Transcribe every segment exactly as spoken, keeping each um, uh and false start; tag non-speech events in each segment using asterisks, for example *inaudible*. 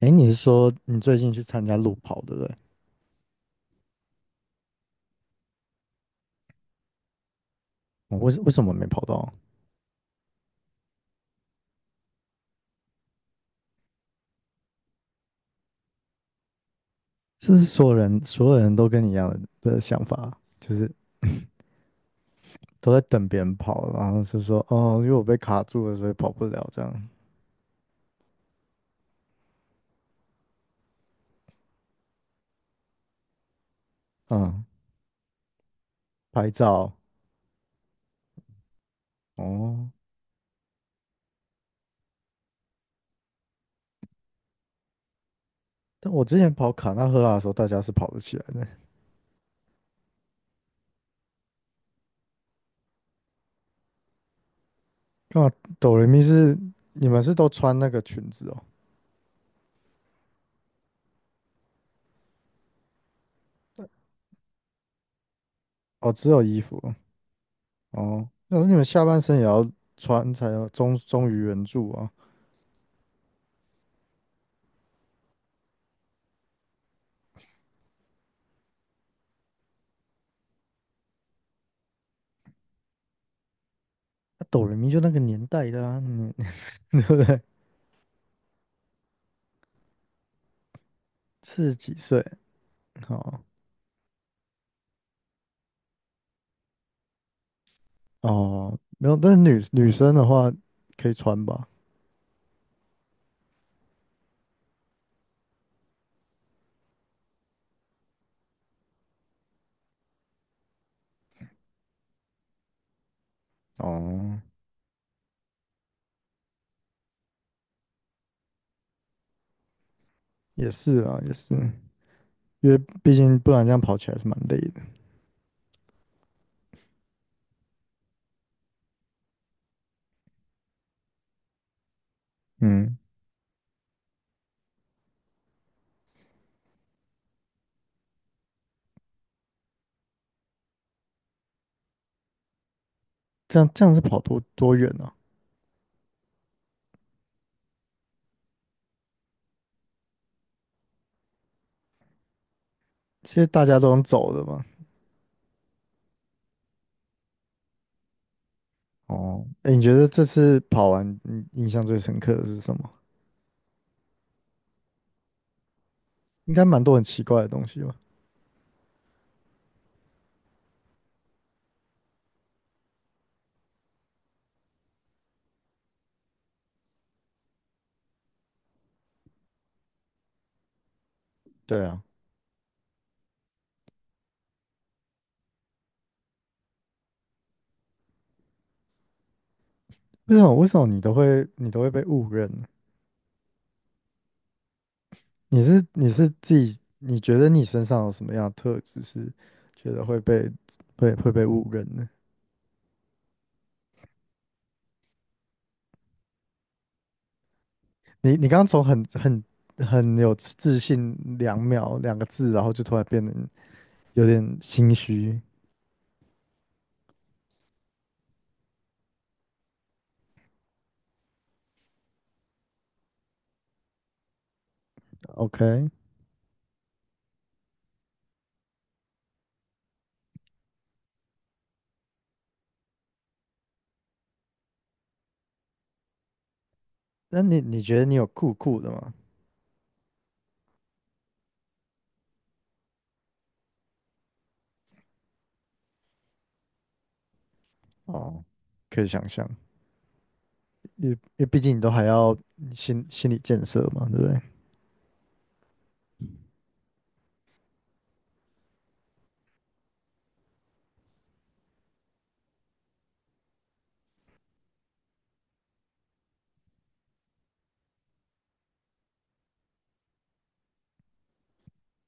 哎，你是说你最近去参加路跑，对不对？我为为什么没跑到？是不是所有人所有人都跟你一样的的想法，就是都在等别人跑，然后是说哦，因为我被卡住了，所以跑不了这样。嗯，拍照哦。但我之前跑卡纳赫拉的时候，大家是跑得起来的。干嘛？哆瑞咪是你们是都穿那个裙子哦？哦，只有衣服哦。哦那你们下半身也要穿才有忠忠于原著啊。那哆瑞咪就那个年代的啊，你 *laughs* 对不对？四十几岁，哦哦，没有，但是女女生的话可以穿吧？哦，也是啊，也是，因为毕竟不然这样跑起来是蛮累的。嗯，这样这样是跑多多远啊？其实大家都能走的嘛。哦，哎，你觉得这次跑完，你印象最深刻的是什么？应该蛮多很奇怪的东西吧？对啊，为什么为什么你都会你都会被误认呢？你是你是自己，你觉得你身上有什么样的特质是觉得会被会会被误认呢？你你刚刚从很很很有自信两秒两个字，然后就突然变得有点心虚。OK，那你你觉得你有酷酷的吗？哦，可以想象，因因为毕竟你都还要心心理建设嘛，对不对？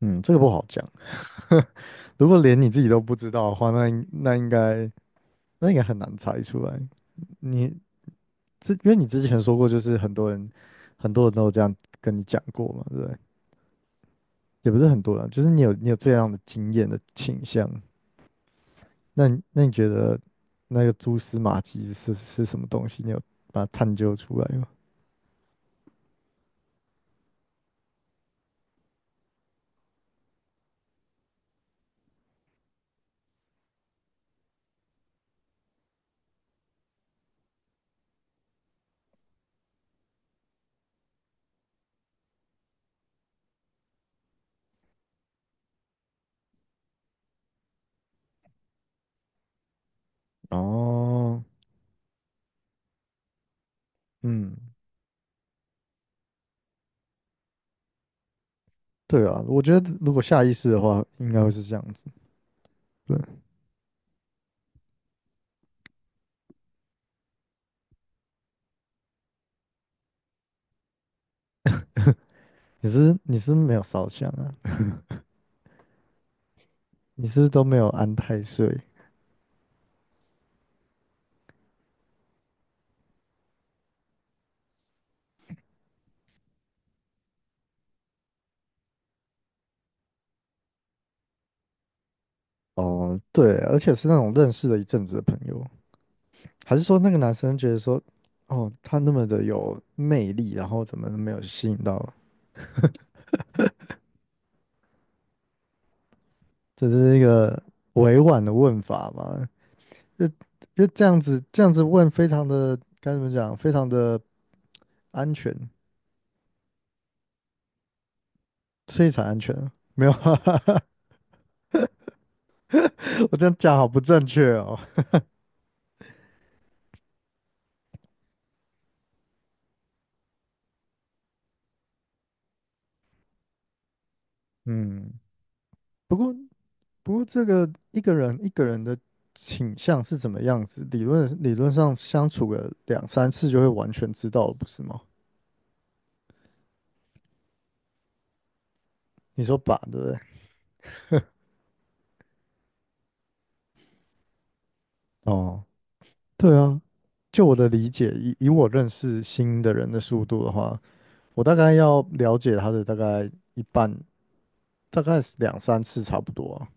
嗯，这个不好讲。*laughs* 如果连你自己都不知道的话，那应那应该那应该很难猜出来。你之因为你之前说过，就是很多人很多人都有这样跟你讲过嘛，对不对？也不是很多人，就是你有你有这样的经验的倾向。那你那你觉得那个蛛丝马迹是是什么东西？你有把它探究出来吗？哦，嗯，对啊，我觉得如果下意识的话，应该会是这样子。对，你是你是不是没有烧香啊？你是不是都没有安太岁？哦，对，而且是那种认识了一阵子的朋友，还是说那个男生觉得说，哦，他那么的有魅力，然后怎么没有吸引到？这是一个委婉的问法嘛？就就这样子，这样子问，非常的该怎么讲？非常的安全，所以才安全啊。没有啊，*laughs* 我这样讲好不正确哦。嗯，不过不过这个一个人一个人的倾向是怎么样子，理论理论上相处个两三次就会完全知道了，不是吗？你说把对不对？哦。对啊，就我的理解，以以我认识新的人的速度的话，我大概要了解他的大概一半，大概是两三次差不多啊，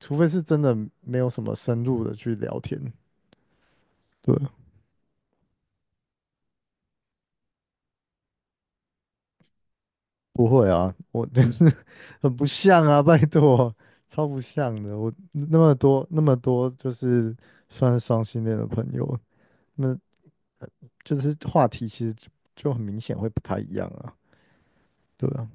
除非是真的没有什么深入的去聊天。对，不会啊，我就是 *laughs* 很不像啊，拜托，超不像的。我那么多那么多，就是算是双性恋的朋友，那就是话题其实就就很明显会不太一样啊。对啊，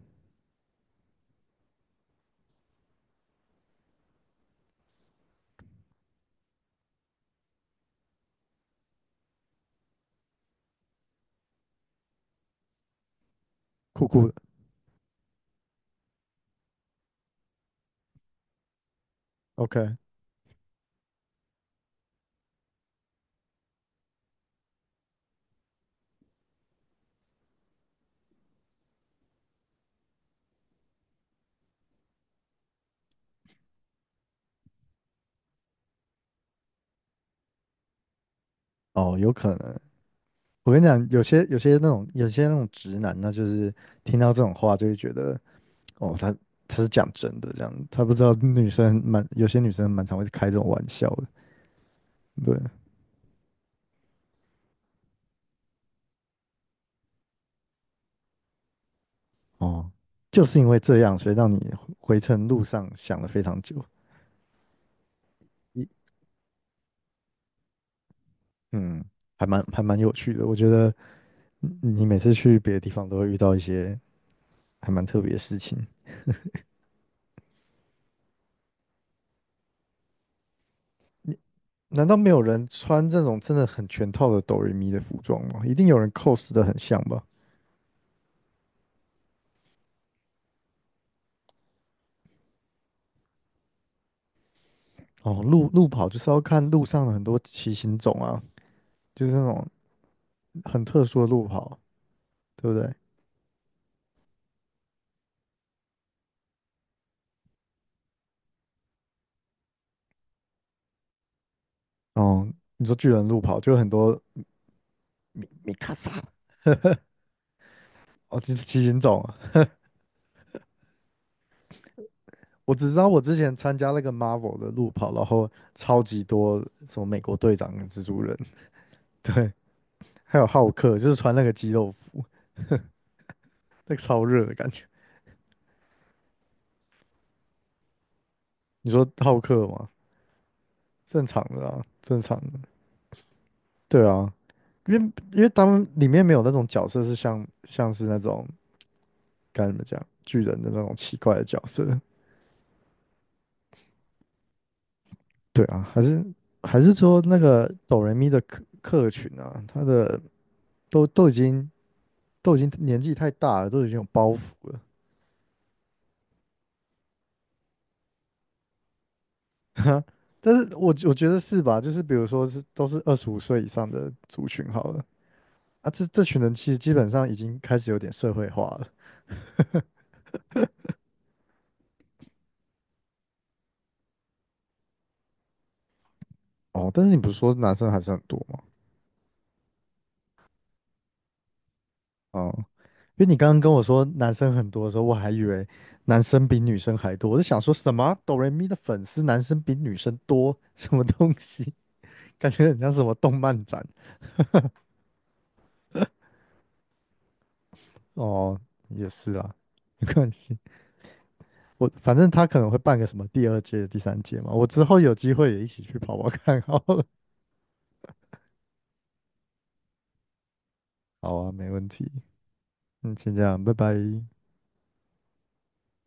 酷酷的，OK，哦，有可能。我跟你讲，有些有些那种有些那种直男呢，就是听到这种话就会觉得，哦，他他是讲真的这样，他不知道女生蛮有些女生蛮常会开这种玩笑的，对，哦，就是因为这样，所以让你回程路上想了非常久，一嗯，还蛮还蛮有趣的，我觉得嗯你每次去别的地方都会遇到一些还蛮特别的事情。难道没有人穿这种真的很全套的哆瑞咪的服装吗？一定有人 cos 的很像吧？哦，路路跑就是要看路上的很多骑行种啊，就是那种很特殊的路跑，对不对？哦，你说巨人路跑就有很多米卡萨哦，就是骑行种啊。我只知道我之前参加那个 Marvel 的路跑，然后超级多什么美国队长跟蜘蛛人，*laughs* 对，还有浩克，就是穿那个肌肉服，那个超热的感觉。你说浩克吗？正常的啊，正常的。对啊，因为因为他们里面没有那种角色是像像是那种。该怎么讲，巨人的那种奇怪的角色。对啊，还是还是说那个哆瑞咪的客客群啊，他的都都已经都已经年纪太大了，都已经有包袱了。*laughs* 但是我我觉得是吧？就是比如说是都是二十五岁以上的族群好了啊，这这群人其实基本上已经开始有点社会化了。哦，但是你不是说男生还是很多吗？哦，因为你刚刚跟我说男生很多的时候，我还以为男生比女生还多，我就想说什么哆瑞咪的粉丝男生比女生多，*laughs* 什么东西？*laughs* 感觉很像什么动漫展。哦，也是啦，没关系，我反正他可能会办个什么第二届、第三届嘛，我之后有机会也一起去跑跑看好了。*laughs* 好啊，没问题。嗯，先这样，拜拜。